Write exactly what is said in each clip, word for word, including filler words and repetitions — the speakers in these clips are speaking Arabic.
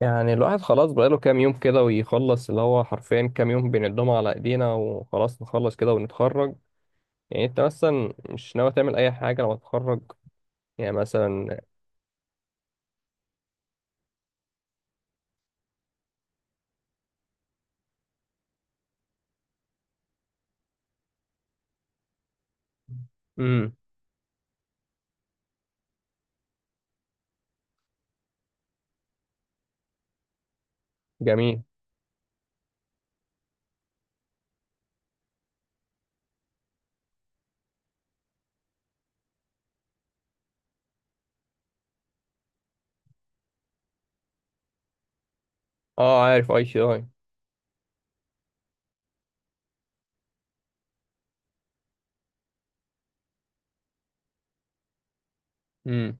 يعني الواحد خلاص بقاله كام يوم كده ويخلص اللي هو حرفيا كام يوم بنقدمه على ايدينا وخلاص نخلص كده ونتخرج. يعني انت مثلا مش ناوي تعمل اي حاجة لما تتخرج؟ يعني مثلا. امم. جميل. اه، عارف اي تي اي. امم.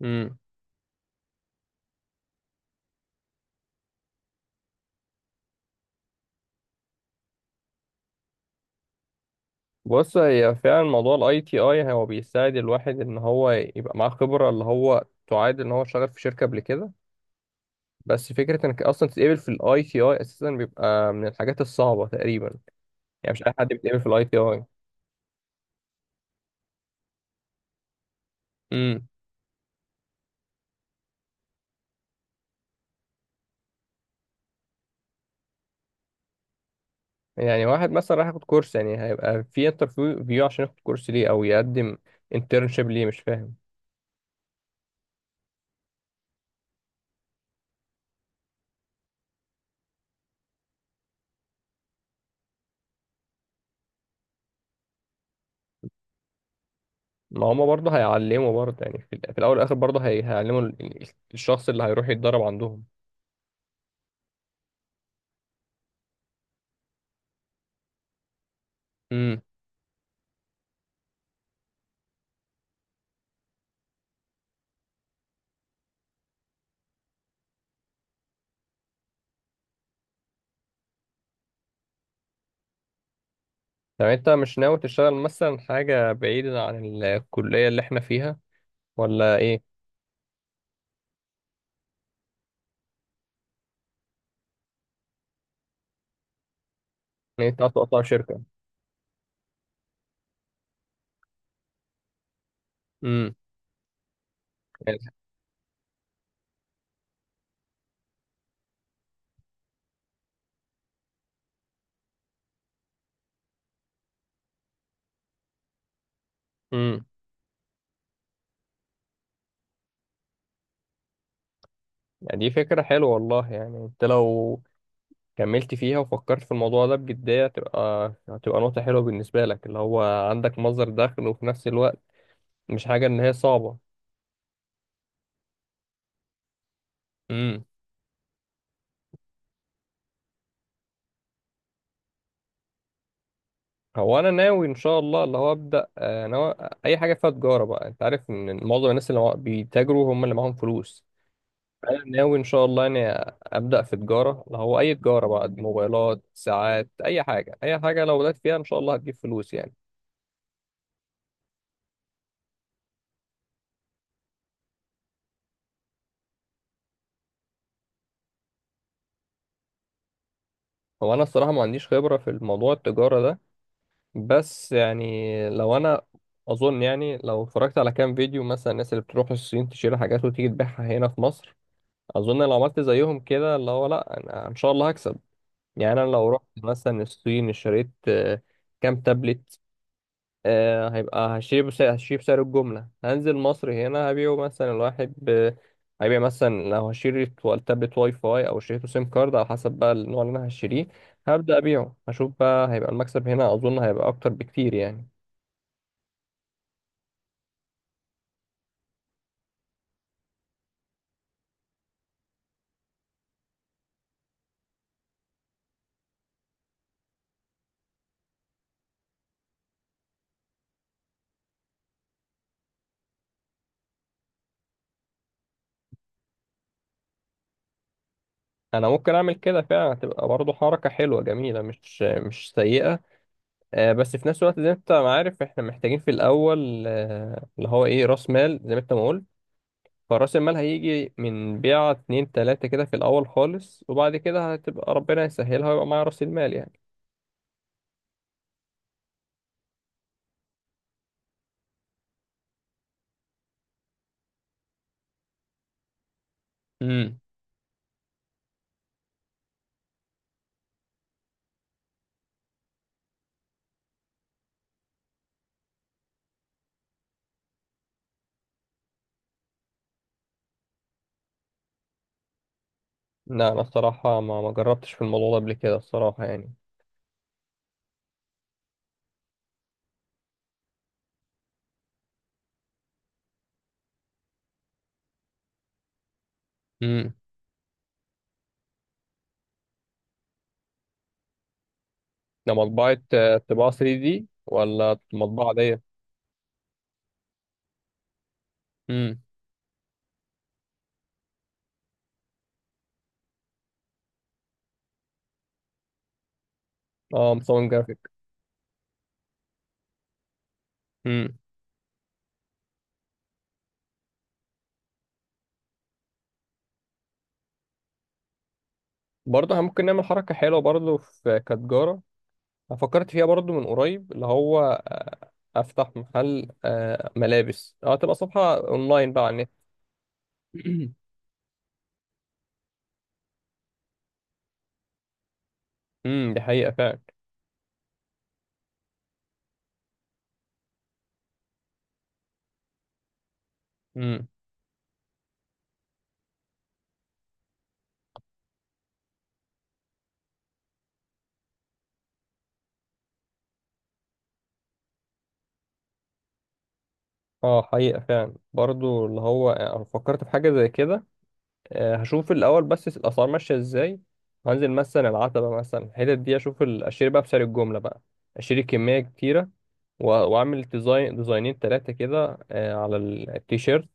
امم. بص، هي فعلا موضوع الاي تي اي هو بيساعد الواحد ان هو يبقى معاه خبرة اللي هو تعادل ان هو شغال في شركة قبل كده. بس فكرة انك اصلا تتقبل في الاي تي اي اساسا بيبقى من الحاجات الصعبة تقريبا. يعني مش اي حد بيتقبل في الاي تي اي. يعني واحد مثلا راح ياخد كورس، يعني هيبقى في انترفيو عشان ياخد كورس ليه او يقدم انترنشيب ليه؟ مش فاهم. ما هما برضه هيعلموا برضه، يعني في, ال- في الاول والاخر برضه هي- هيعلموا ال- ال- الشخص اللي هيروح يتدرب عندهم. امم. طب انت مش ناوي تشتغل مثلا حاجة بعيدة عن الكلية اللي احنا فيها، ولا ايه؟ يعني انت عايز تطلع شركة؟ امم. امم. يعني دي فكرة حلوة والله. يعني انت لو كملت فيها وفكرت في الموضوع ده بجدية تبقى هتبقى نقطة حلوة بالنسبة لك، اللي هو عندك مصدر دخل، وفي نفس الوقت مش حاجة إن هي صعبة. امم. هو أنا ناوي إن شاء الله اللي هو أبدأ، آه، ناوي أي حاجة فيها تجارة بقى. أنت عارف إن معظم الناس اللي مع- بيتاجروا هم اللي معاهم فلوس. أنا ناوي إن شاء الله إني أبدأ في تجارة، اللي هو أي تجارة بقى، موبايلات، ساعات، أي حاجة. أي حاجة لو بدأت فيها إن شاء الله هتجيب فلوس يعني. هو أنا الصراحة ما عنديش خبرة في الموضوع التجارة ده. بس يعني لو انا اظن، يعني لو اتفرجت على كام فيديو مثلا الناس اللي بتروح الصين تشيل حاجات وتيجي تبيعها هنا في مصر، اظن لو عملت زيهم كده اللي هو، لا انا ان شاء الله هكسب. يعني انا لو رحت مثلا الصين، اشتريت، آه، كام تابلت، آه، هيبقى هشتري بسعر هشتري بسعر الجملة، هنزل مصر هنا هبيعه مثلا الواحد ب- هيبيع مثلا. لو هشتري تو- تابلت واي فاي او اشتريته سيم كارد، على حسب بقى النوع اللي انا هشتريه. هبدأ ابيعه هشوف بقى، هيبقى المكسب هنا اظن هيبقى اكتر بكتير يعني. انا ممكن اعمل كده فعلا، هتبقى برضه حركه حلوه جميله مش مش سيئه. آه، بس في نفس الوقت زي ما انت ما عارف، احنا محتاجين في الاول، آه، اللي هو ايه، راس مال، زي ما انت ما قلت. فراس المال هيجي من بيعه اتنين تلاته كده في الاول خالص، وبعد كده هتبقى ربنا يسهلها ويبقى معايا راس المال يعني. امم. لا انا الصراحه ما ما جربتش في الموضوع ده قبل كده الصراحه يعني. امم. ده مطبعه، آه، طباعه ثري دي ولا مطبعه عاديه؟ امم. اه، مصمم جرافيك. برضه احنا ممكن نعمل حركة حلوة برضه في كتجارة. أنا فكرت فيها برضه من قريب، اللي هو، آه، أفتح محل، آه، ملابس. أه، تبقى صفحة أونلاين بقى على النت. امم، دي حقيقة فعلا. امم. اه حقيقة فعلا. برضه اللي هو، آه، أنا فكرت في حاجة زي كده. آه، هشوف الأول بس الأسعار ماشية ازاي. هنزل مثلا العتبة مثلا الحتت دي، أشوف ال- أشتري بقى بسعر الجملة بقى. أشتري كمية كتيرة و- وأعمل ديزاين، ديزاينين، تلاتة كده، آه، على التيشيرت.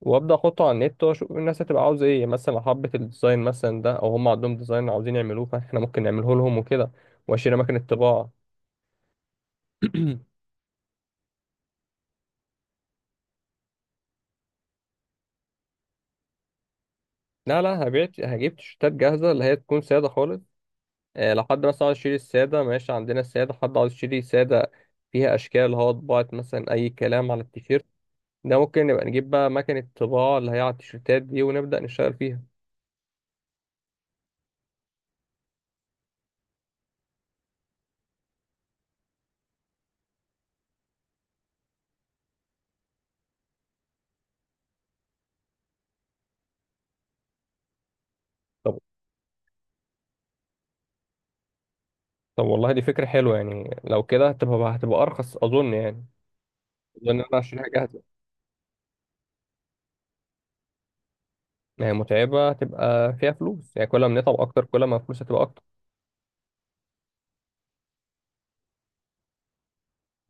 وابدا احطه على النت واشوف الناس هتبقى عاوزه ايه. مثلا لو حبت الديزاين مثلا ده، او هم عندهم ديزاين عاوزين يعملوه فاحنا ممكن نعمله لهم وكده. واشيل اماكن الطباعه. لا لا، هبيع هجيب تيشيرتات جاهزه اللي هي تكون ساده خالص. آه، لو حد مثلا عاوز يشتري الساده، ماشي، عندنا الساده. حد عاوز يشتري ساده فيها اشكال، اللي هو طباعه مثلا اي كلام على التيشيرت، ده ممكن نبقى نجيب بقى مكنه الطباعه اللي هي على التيشيرتات دي، ونبدا نشتغل فيها. طب، طب والله دي فكره حلوه يعني. لو كده هتبقى هتبقى ارخص اظن يعني. اظن ان انا هشتريها جاهزه. ما هي متعبة تبقى فيها فلوس يعني. كل ما نتعب أكتر كل ما الفلوس هتبقى أكتر.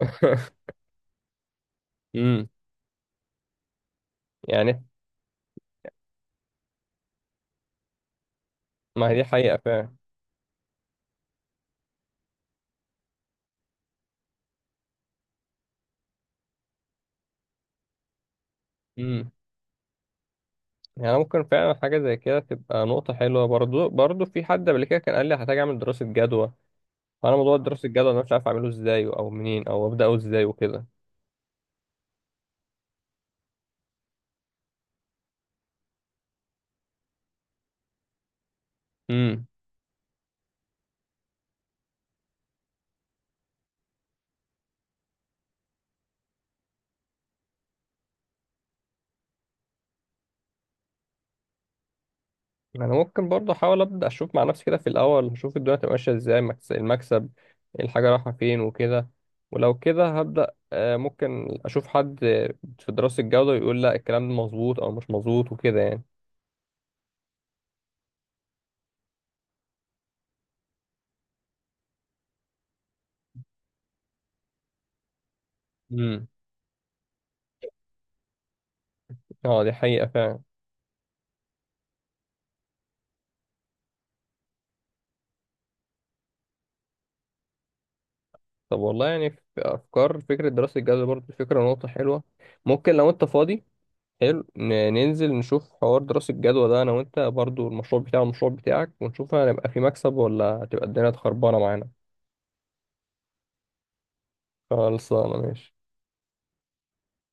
امم. يعني ما هي دي حقيقة فعلا. امم. يعني ممكن فعلا حاجة زي كده تبقى نقطة حلوة برضو برضو في حد قبل كده كان قال لي هحتاج أعمل دراسة جدوى. فأنا موضوع دراسة الجدوى أنا مش عارف أعمله إزاي أو منين أو أبدأه إزاي وكده. امم. ما انا ممكن برضه احاول ابدا اشوف مع نفسي كده في الاول، اشوف الدنيا هتبقى ماشيه ازاي، مكس- المكسب إيه، الحاجه رايحه فين وكده. ولو كده هبدا، آه، ممكن اشوف حد، آه، في دراسه الجوده يقول لا الكلام ده مظبوط او مش مظبوط وكده يعني. امم. اه، دي حقيقه فعلا. طب والله يعني في افكار، فكره دراسه الجوده برضه فكره نقطه حلوه. ممكن لو انت فاضي، حلو، ن- ننزل نشوف حوار دراسه الجدوى ده انا وانت، برضه المشروع بتاعي والمشروع بتاعك، ونشوف هنبقى في مكسب ولا هتبقى الدنيا خربانه معانا. خلصانه، ماشي.